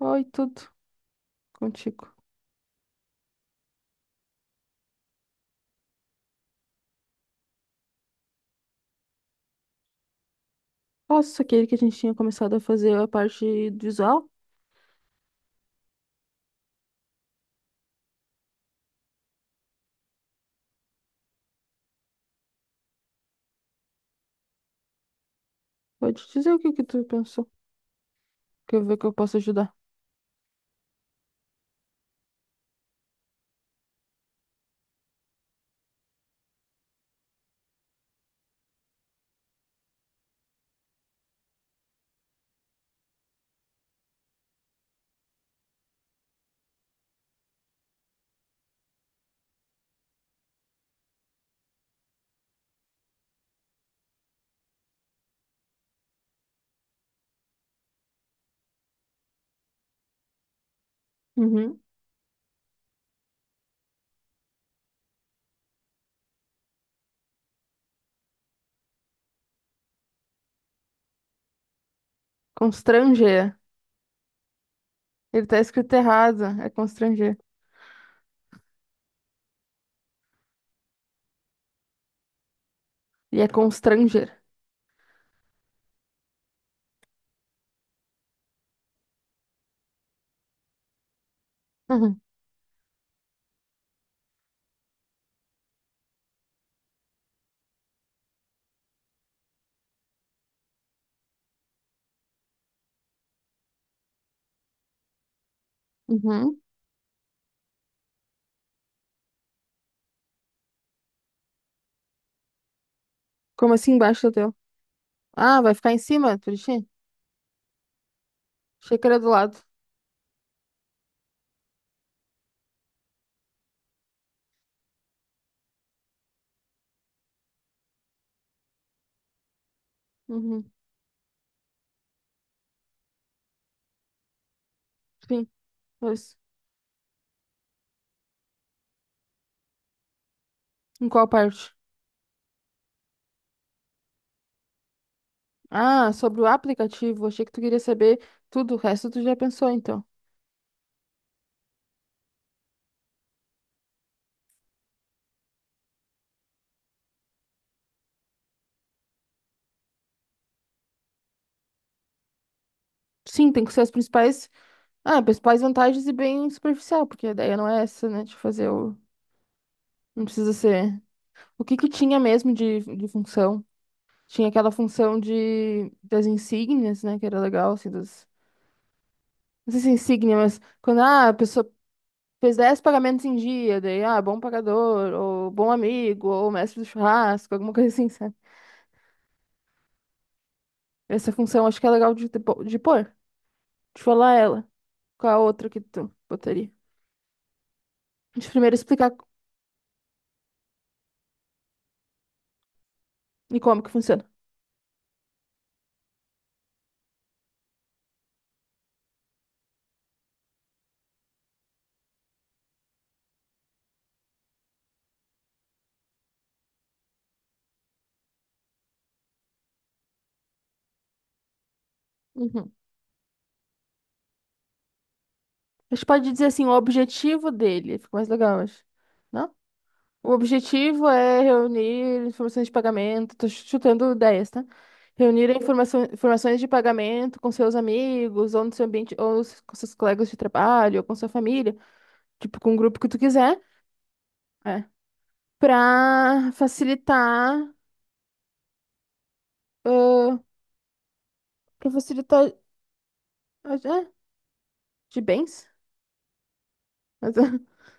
Oi, tudo contigo. Nossa, aquele que a gente tinha começado a fazer a parte visual? Pode dizer o que que tu pensou, que eu ver que eu posso ajudar. Uhum. Constranger. Ele tá escrito errado, é constranger. E é constranger. Uhum. Uhum. Como assim embaixo do teu? Ah, vai ficar em cima, Turitinha? Achei que era do lado. Uhum. Sim, pois. Em qual parte? Ah, sobre o aplicativo. Achei que tu queria saber tudo. O resto tu já pensou, então. Sim, tem que ser as principais. Ah, principais vantagens e bem superficial, porque a ideia não é essa, né? De fazer o. Não precisa ser. O que que tinha mesmo de função? Tinha aquela função de das insígnias, né? Que era legal, assim, das. Não sei se é insígnia, mas quando ah, a pessoa fez 10 pagamentos em dia, daí, ah, bom pagador, ou bom amigo, ou mestre do churrasco, alguma coisa assim, sabe? Essa função acho que é legal de pôr, de falar ela. Qual a outra que tu botaria? Deixa eu primeiro explicar e como que funciona. Uhum. A gente pode dizer assim, o objetivo dele, fica mais legal, eu acho. Não? O objetivo é reunir informações de pagamento, tô chutando ideias, tá? Reunir a informação, informações de pagamento com seus amigos, ou no seu ambiente, ou com seus colegas de trabalho, ou com sua família, tipo, com o grupo que tu quiser, é, para facilitar, ãh, pra facilitar, ah, é, de bens, mas,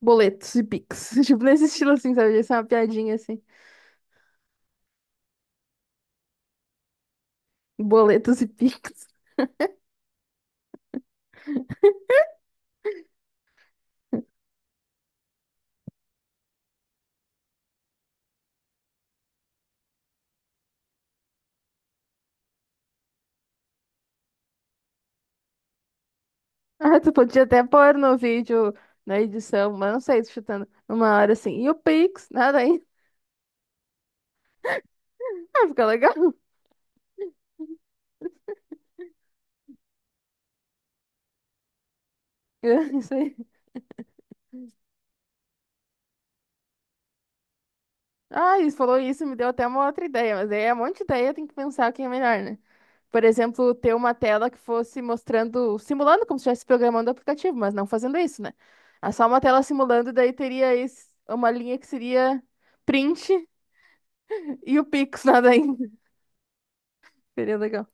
boletos e Pix, tipo, nesse estilo assim, sabe? Essa é uma piadinha assim, boletos e Pix. Ah, tu podia até pôr no vídeo, na edição, mas não sei, chutando uma hora assim. E o Pix, nada aí. Ah, fica legal. É. Isso aí. Ah, isso falou isso, me deu até uma outra ideia, mas aí é um monte de ideia, tem que pensar quem é melhor, né? Por exemplo, ter uma tela que fosse mostrando, simulando como se estivesse programando o aplicativo, mas não fazendo isso, né? É só uma tela simulando, daí teria uma linha que seria print e o Pix, nada aí. Seria legal.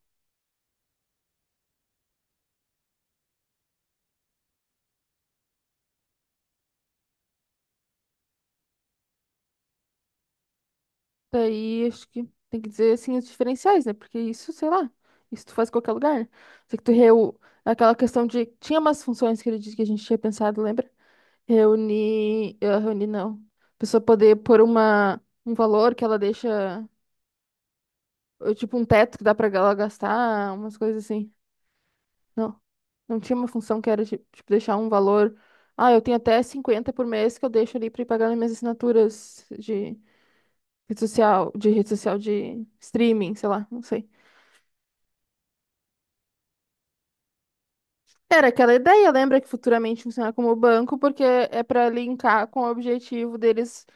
Daí acho que tem que dizer assim os diferenciais, né? Porque isso, sei lá, isso tu faz em qualquer lugar, né? Só que tu reu... Aquela questão de. Tinha umas funções que ele disse que a gente tinha pensado, lembra? Reunir. Eh, reunir não. A pessoa poder pôr uma... um valor que ela deixa. Eh, tipo, um teto que dá pra ela gastar, umas coisas assim. Não. Não tinha uma função que era, tipo, deixar um valor. Ah, eu tenho até 50 por mês que eu deixo ali pra ir pagar nas minhas assinaturas de rede social, de rede social de streaming, sei lá, não sei. Era aquela ideia, lembra que futuramente funciona como banco, porque é para linkar com o objetivo deles.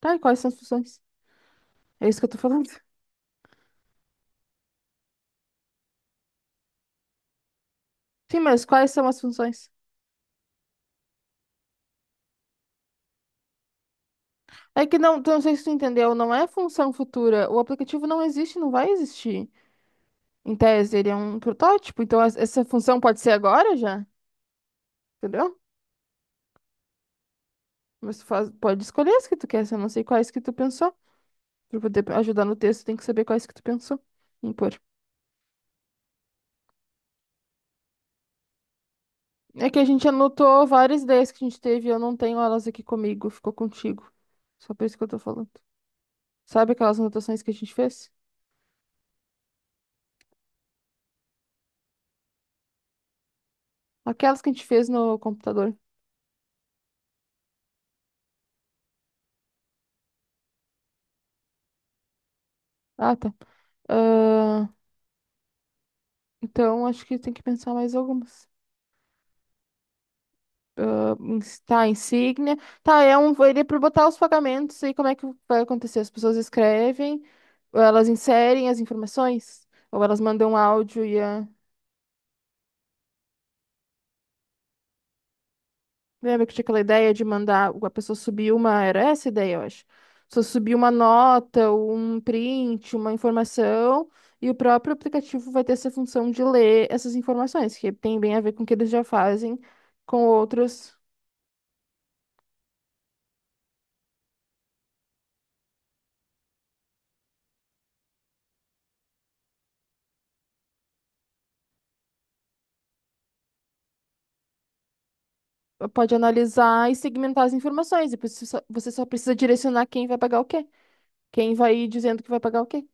Tá, e quais são as funções? É isso que eu tô falando. Sim, mas quais são as funções? É que não, tu não sei se tu entendeu, não é função futura. O aplicativo não existe, não vai existir. Em tese, ele é um protótipo, então essa função pode ser agora já, entendeu? Mas pode escolher as que tu quer, se eu não sei quais que tu pensou. Pra poder ajudar no texto, tem que saber quais que tu pensou. Impor. É que a gente anotou várias ideias que a gente teve, e eu não tenho elas aqui comigo, ficou contigo. Só por isso que eu tô falando. Sabe aquelas anotações que a gente fez? Aquelas que a gente fez no computador. Ah, tá. Ah, então acho que tem que pensar mais algumas. Ah, tá, insígnia. Tá, é um. Ele é para botar os pagamentos e como é que vai acontecer? As pessoas escrevem, ou elas inserem as informações, ou elas mandam um áudio. Lembra que tinha aquela ideia de mandar a pessoa subir uma. Era essa a ideia, eu acho. Só subir uma nota, um print, uma informação, e o próprio aplicativo vai ter essa função de ler essas informações, que tem bem a ver com o que eles já fazem com outros. Eh, pode analisar e segmentar as informações. E você só precisa direcionar quem vai pagar o quê. Quem vai dizendo que vai pagar o quê.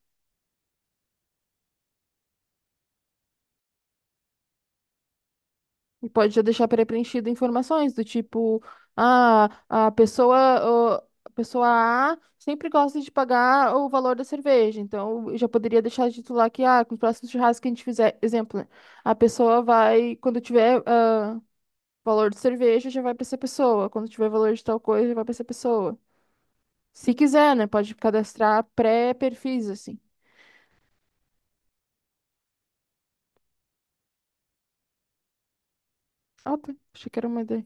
E pode já deixar pré-preenchido informações do tipo, ah, a pessoa A sempre gosta de pagar o valor da cerveja. Então, eu já poderia deixar de titular que, ah, com o próximo churrasco que a gente fizer, exemplo, né? A pessoa vai, quando tiver, ah, valor de cerveja, já vai para essa pessoa. Quando tiver valor de tal coisa, já vai para essa pessoa. Se quiser, né? Pode cadastrar pré-perfis, assim. Ah, tá. Achei que era uma ideia.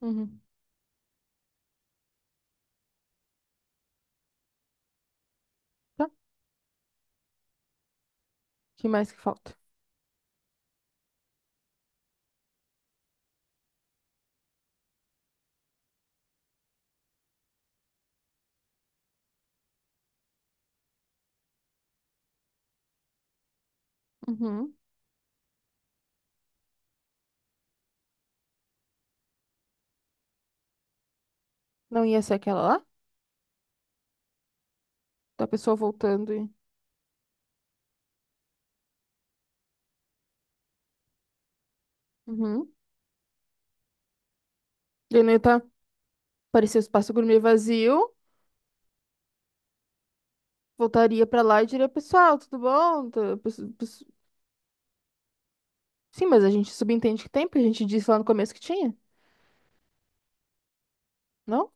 Uhum. Tá. O que mais que falta? Uhum. Não ia ser aquela lá? Da pessoa voltando e. Uhum. Leneta parecia o espaço gourmet vazio, voltaria pra lá e diria, pessoal, tudo bom? Sim, mas a gente subentende que tem, porque a gente disse lá no começo que tinha, não?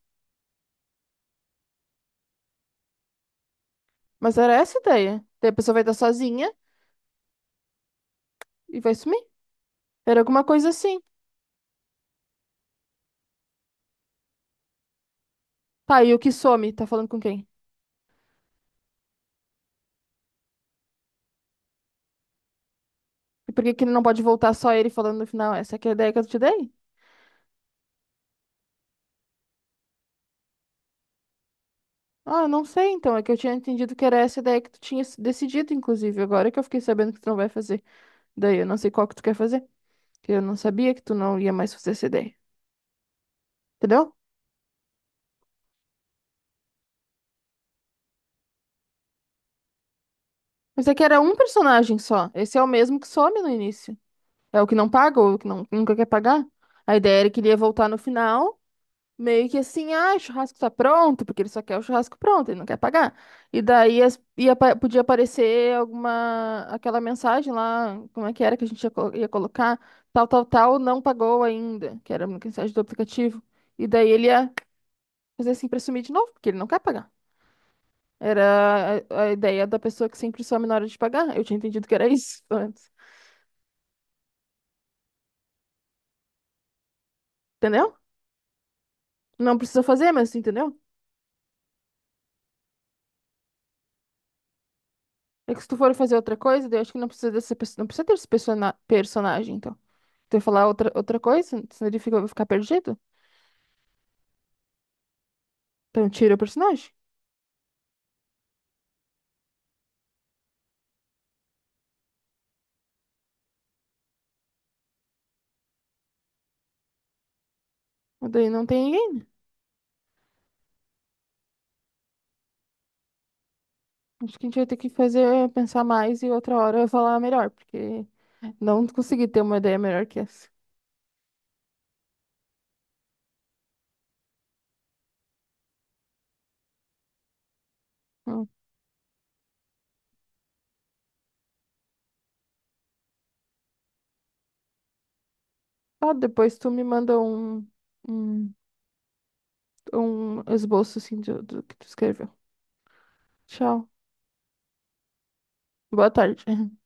Mas era essa a ideia. Daí a pessoa vai estar sozinha e vai sumir. Era alguma coisa assim. Tá, e o que some? Tá falando com quem? E por que que ele não pode voltar só ele falando no final? Essa que é a ideia que eu te dei? Ah, eu não sei então. É que eu tinha entendido que era essa a ideia que tu tinha decidido, inclusive. Agora que eu fiquei sabendo que tu não vai fazer. Daí eu não sei qual que tu quer fazer. Que eu não sabia que tu não ia mais fazer essa ideia. Entendeu? Mas é que era um personagem só. Esse é o mesmo que some no início. É o que não paga ou o que não, nunca quer pagar. A ideia era que ele ia voltar no final, meio que assim, ah, o churrasco tá pronto, porque ele só quer o churrasco pronto, ele não quer pagar. E daí podia aparecer alguma, aquela mensagem lá, como é que era que a gente ia, ia colocar, tal, tal, tal, não pagou ainda, que era uma mensagem do aplicativo. E daí ele ia fazer assim pra sumir de novo, porque ele não quer pagar. Era a ideia da pessoa que sempre some na hora de pagar. Eu tinha entendido que era isso antes. Entendeu? Não precisa fazer, mas entendeu? É que se tu for fazer outra coisa, daí eu acho que não precisa dessa pessoa, não precisa ter esse personagem, então. Tu vai falar outra, outra coisa, senão ele fica, vai ficar perdido. Então tira o personagem. Mas daí não tem ninguém, né? Acho que a gente vai ter que fazer, pensar mais e outra hora eu falar melhor, porque não consegui ter uma ideia melhor que essa. Hum. Ah, depois tu me manda um, um esboço assim do que tu escreveu. Tchau. Boa tarde.